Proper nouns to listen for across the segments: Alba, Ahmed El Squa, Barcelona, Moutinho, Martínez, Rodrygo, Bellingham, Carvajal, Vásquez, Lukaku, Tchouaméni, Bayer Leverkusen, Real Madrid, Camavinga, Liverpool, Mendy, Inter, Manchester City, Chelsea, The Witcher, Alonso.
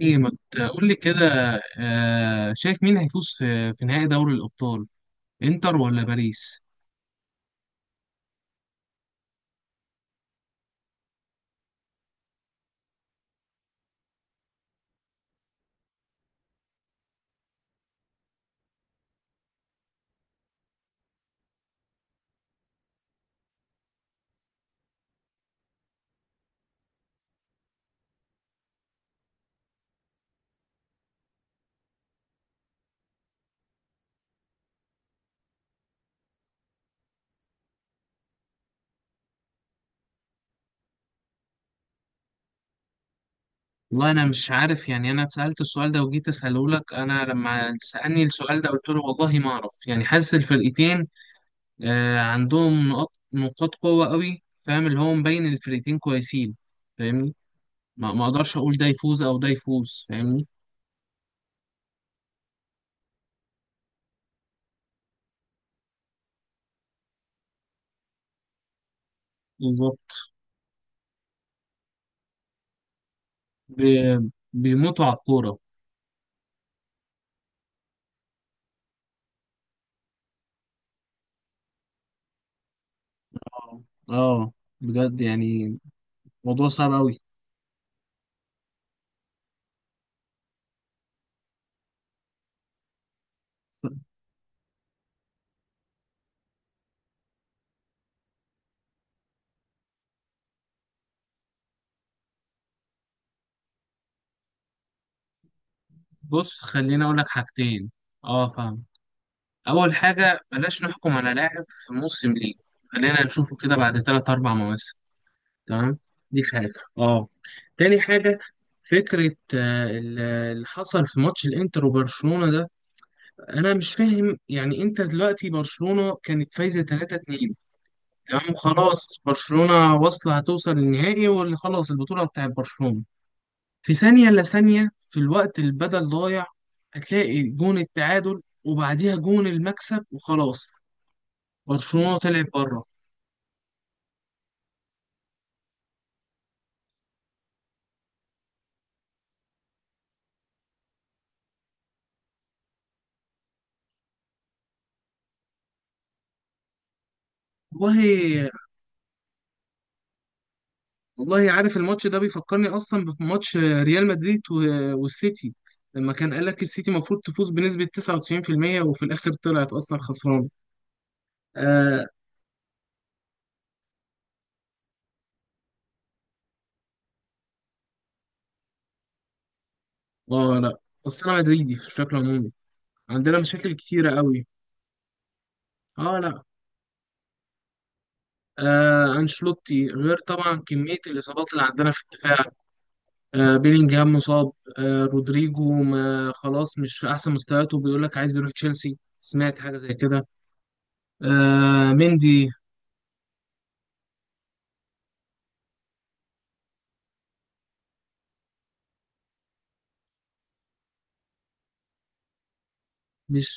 ايه ما تقول لي كده؟ شايف مين هيفوز في نهائي دوري الأبطال، انتر ولا باريس؟ والله انا مش عارف يعني انا اتسألت السؤال ده وجيت اساله لك. انا لما سألني السؤال ده قلت له والله ما اعرف، يعني حاسس الفرقتين عندهم نقاط قوة قوي. فاهم اللي هو مبين الفرقتين كويسين، فاهمني؟ ما اقدرش اقول ده يفوز او ده يفوز، فاهمني. بالظبط. بيموتوا على الكورة. اه. آه، بجد يعني موضوع صعب قوي. بص خليني اقول لك حاجتين. اه فاهم. اول حاجه، بلاش نحكم على لاعب في موسم ليه، خلينا نشوفه كده بعد ثلاث اربع مواسم. تمام. دي حاجه. اه. تاني حاجه، فكره اللي حصل في ماتش الانتر وبرشلونه ده، انا مش فاهم. يعني انت دلوقتي برشلونه كانت فايزه 3-2، تمام؟ وخلاص برشلونه واصله، هتوصل للنهائي واللي خلاص البطوله بتاعت برشلونه. في ثانية إلا ثانية في الوقت البدل ضايع هتلاقي جون التعادل وبعديها جون المكسب وخلاص، برشلونة طلعت بره. والله، والله عارف الماتش ده بيفكرني أصلا بماتش ريال مدريد والسيتي، لما كان قال لك السيتي المفروض تفوز بنسبة 99%، وفي الآخر طلعت أصلا خسرانة. آه. آه لا، أصل أنا مدريدي بشكل عمومي، عندنا مشاكل كتيرة قوي. آه لا. أنشلوتي غير طبعا كمية الإصابات اللي عندنا في الدفاع. بيلينجهام مصاب. رودريجو ما خلاص مش في احسن مستوياته، بيقول لك عايز يروح تشيلسي، سمعت حاجه زي كده. مندي. مش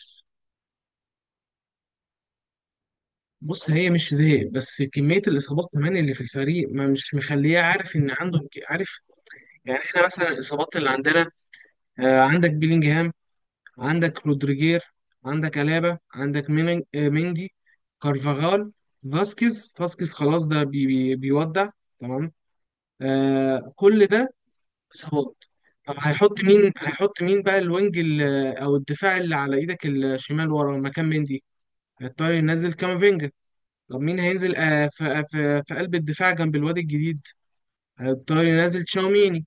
بص، هي مش زهق، بس كميه الاصابات كمان اللي في الفريق ما مش مخليه عارف ان عنده. عارف، يعني احنا مثلا الاصابات اللي عندنا، عندك بيلينجهام، عندك رودريجير، عندك الابا، عندك مين- مندي، كارفاغال، فاسكيز خلاص ده بي بي بيودع، تمام. كل ده اصابات. طب هيحط مين، هيحط مين بقى الوينج او الدفاع اللي على ايدك الشمال ورا مكان مندي؟ هيضطر ينزل كامافينجا. طب مين هينزل في قلب الدفاع جنب الواد الجديد؟ هيضطر ينزل تشاوميني.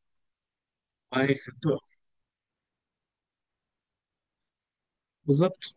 هيحط- بالظبط.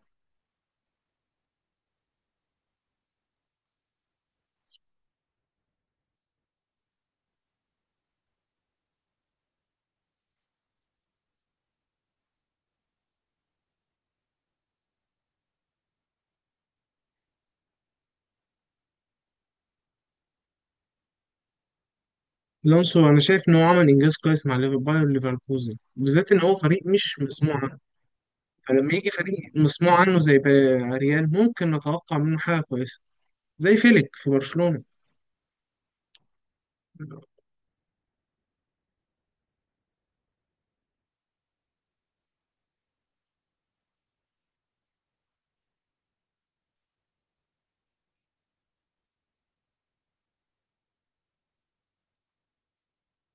الونسو انا شايف ان هو عمل انجاز كويس مع باير ليفركوزن، بالذات ان هو فريق مش مسموع عنه. فلما يجي فريق مسموع عنه زي بقى ريال، ممكن نتوقع منه حاجه كويسه، زي فيليك في برشلونه.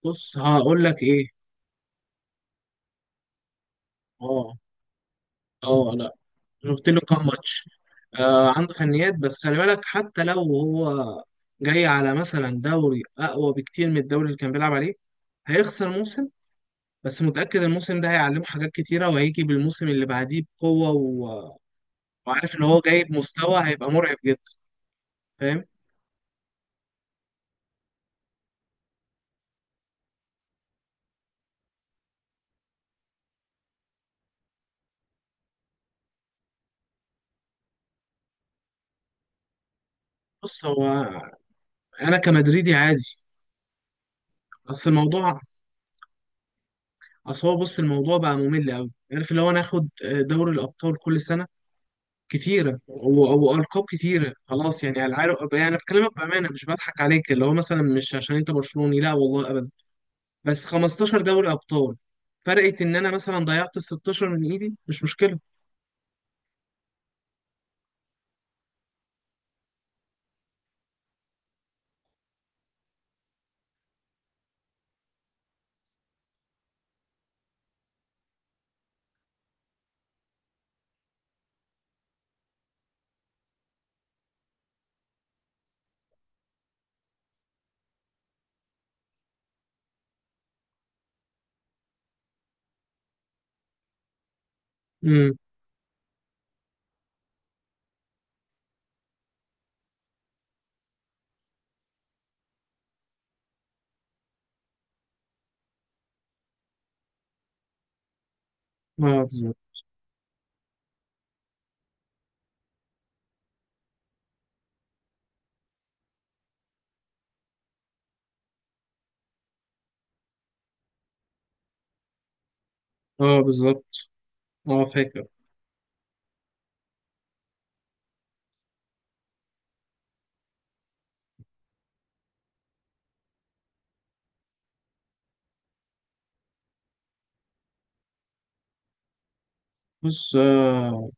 بص هقول لك ايه. اه. اه. شفت له كام ماتش. عنده فنيات، بس خلي بالك حتى لو هو جاي على مثلا دوري اقوى بكتير من الدوري اللي كان بيلعب عليه، هيخسر موسم. بس متأكد الموسم ده هيعلمه حاجات كتيرة، وهيجي بالموسم اللي بعديه بقوة، و... وعارف ان هو جاي بمستوى هيبقى مرعب جدا، فاهم؟ بص هو انا كمدريدي عادي. بس الموضوع، اصل هو بص، الموضوع بقى ممل قوي، عارف اللي هو ناخد دوري الابطال كل سنة كتيرة وألقاب كتيرة خلاص. يعني على العارف، يعني أنا بكلمك بأمانة، مش بضحك عليك، اللي هو مثلا مش عشان أنت برشلوني، لا والله أبدا. بس 15 دوري أبطال فرقت، إن أنا مثلا ضيعت ال 16 من إيدي مش مشكلة. امم. اه بالظبط. اه بالظبط. اه فاكر. بص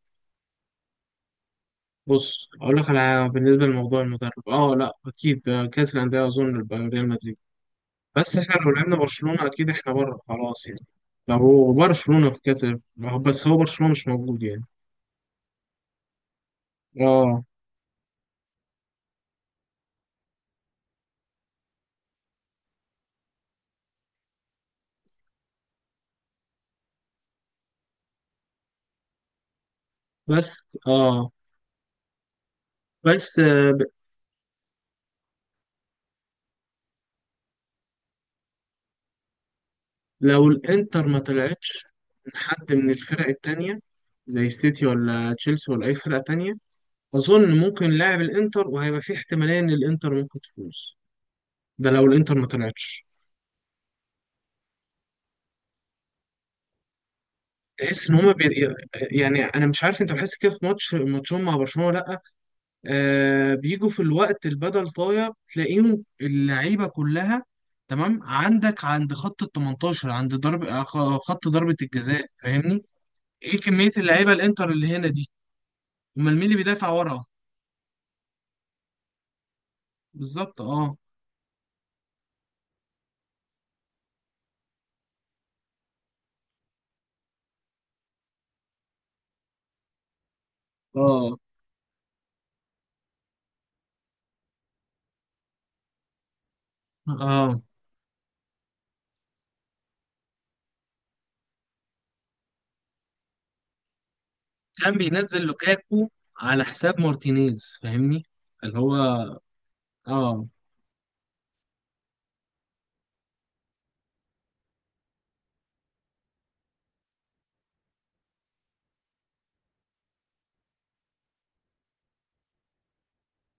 بص أقول لك على حاجة. بالنسبة لموضوع المدرب، اه لا أكيد. كأس الأندية أظن يبقى ريال مدريد. بس إحنا لو لعبنا برشلونة أكيد إحنا بره، خلاص يعني، لو هو برشلونة في كأس. بس هو برشلونة مش موجود يعني. اه. بس. اه بس لو الانتر ما طلعتش من حد من الفرق التانية، زي سيتي ولا تشيلسي ولا اي فرقة تانية، اظن ممكن لاعب الانتر، وهيبقى في احتمالية ان الانتر ممكن تفوز. ده لو الانتر ما طلعتش. تحس ان هما بي... يعني انا مش عارف، انت بتحس كده في ماتش ماتشهم مع برشلونة ولا لا؟ بيجوا في الوقت البدل طاير تلاقيهم اللعيبة كلها، تمام، عندك عند خط ال 18، عند ضرب خط ضربة الجزاء، فاهمني؟ ايه كمية اللعيبة الانتر اللي هنا دي؟ امال مين اللي بيدافع ورا؟ بالظبط. اه. اه. اه. كان بينزل لوكاكو على حساب مارتينيز، فاهمني؟ اللي هو، اه.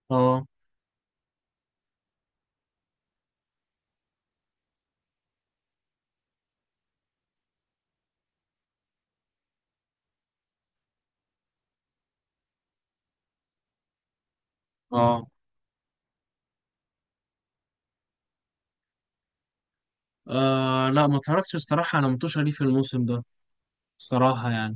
اه. اه. لا ما اتفرجتش الصراحة على متوشة ليه في الموسم ده الصراحة، يعني.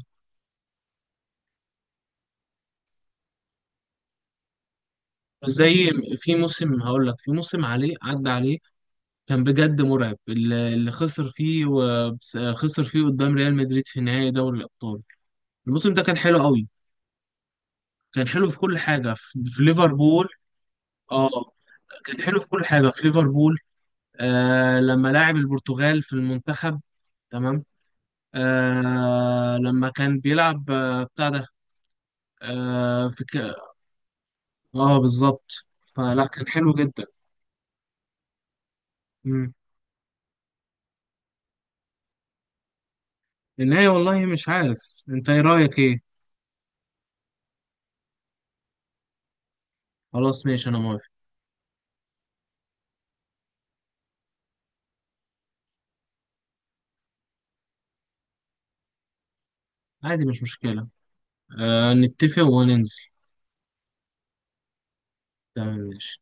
بس زي، في موسم هقول لك في موسم عليه، عدى عليه كان بجد مرعب، اللي اللي خسر فيه خسر فيه قدام ريال مدريد في نهائي دوري الأبطال، الموسم ده كان حلو قوي، كان حلو في كل حاجة في ليفربول. اه. كان حلو في كل حاجه في ليفربول. لما لاعب البرتغال في المنتخب، تمام. لما كان بيلعب بتاع ده، اه اه بالظبط. فلا كان حلو جدا. مم. النهاية والله مش عارف، انت ايه رأيك ايه؟ خلاص ماشي انا موافق. عادي مش مشكلة. نتفق وننزل. تمام ماشي.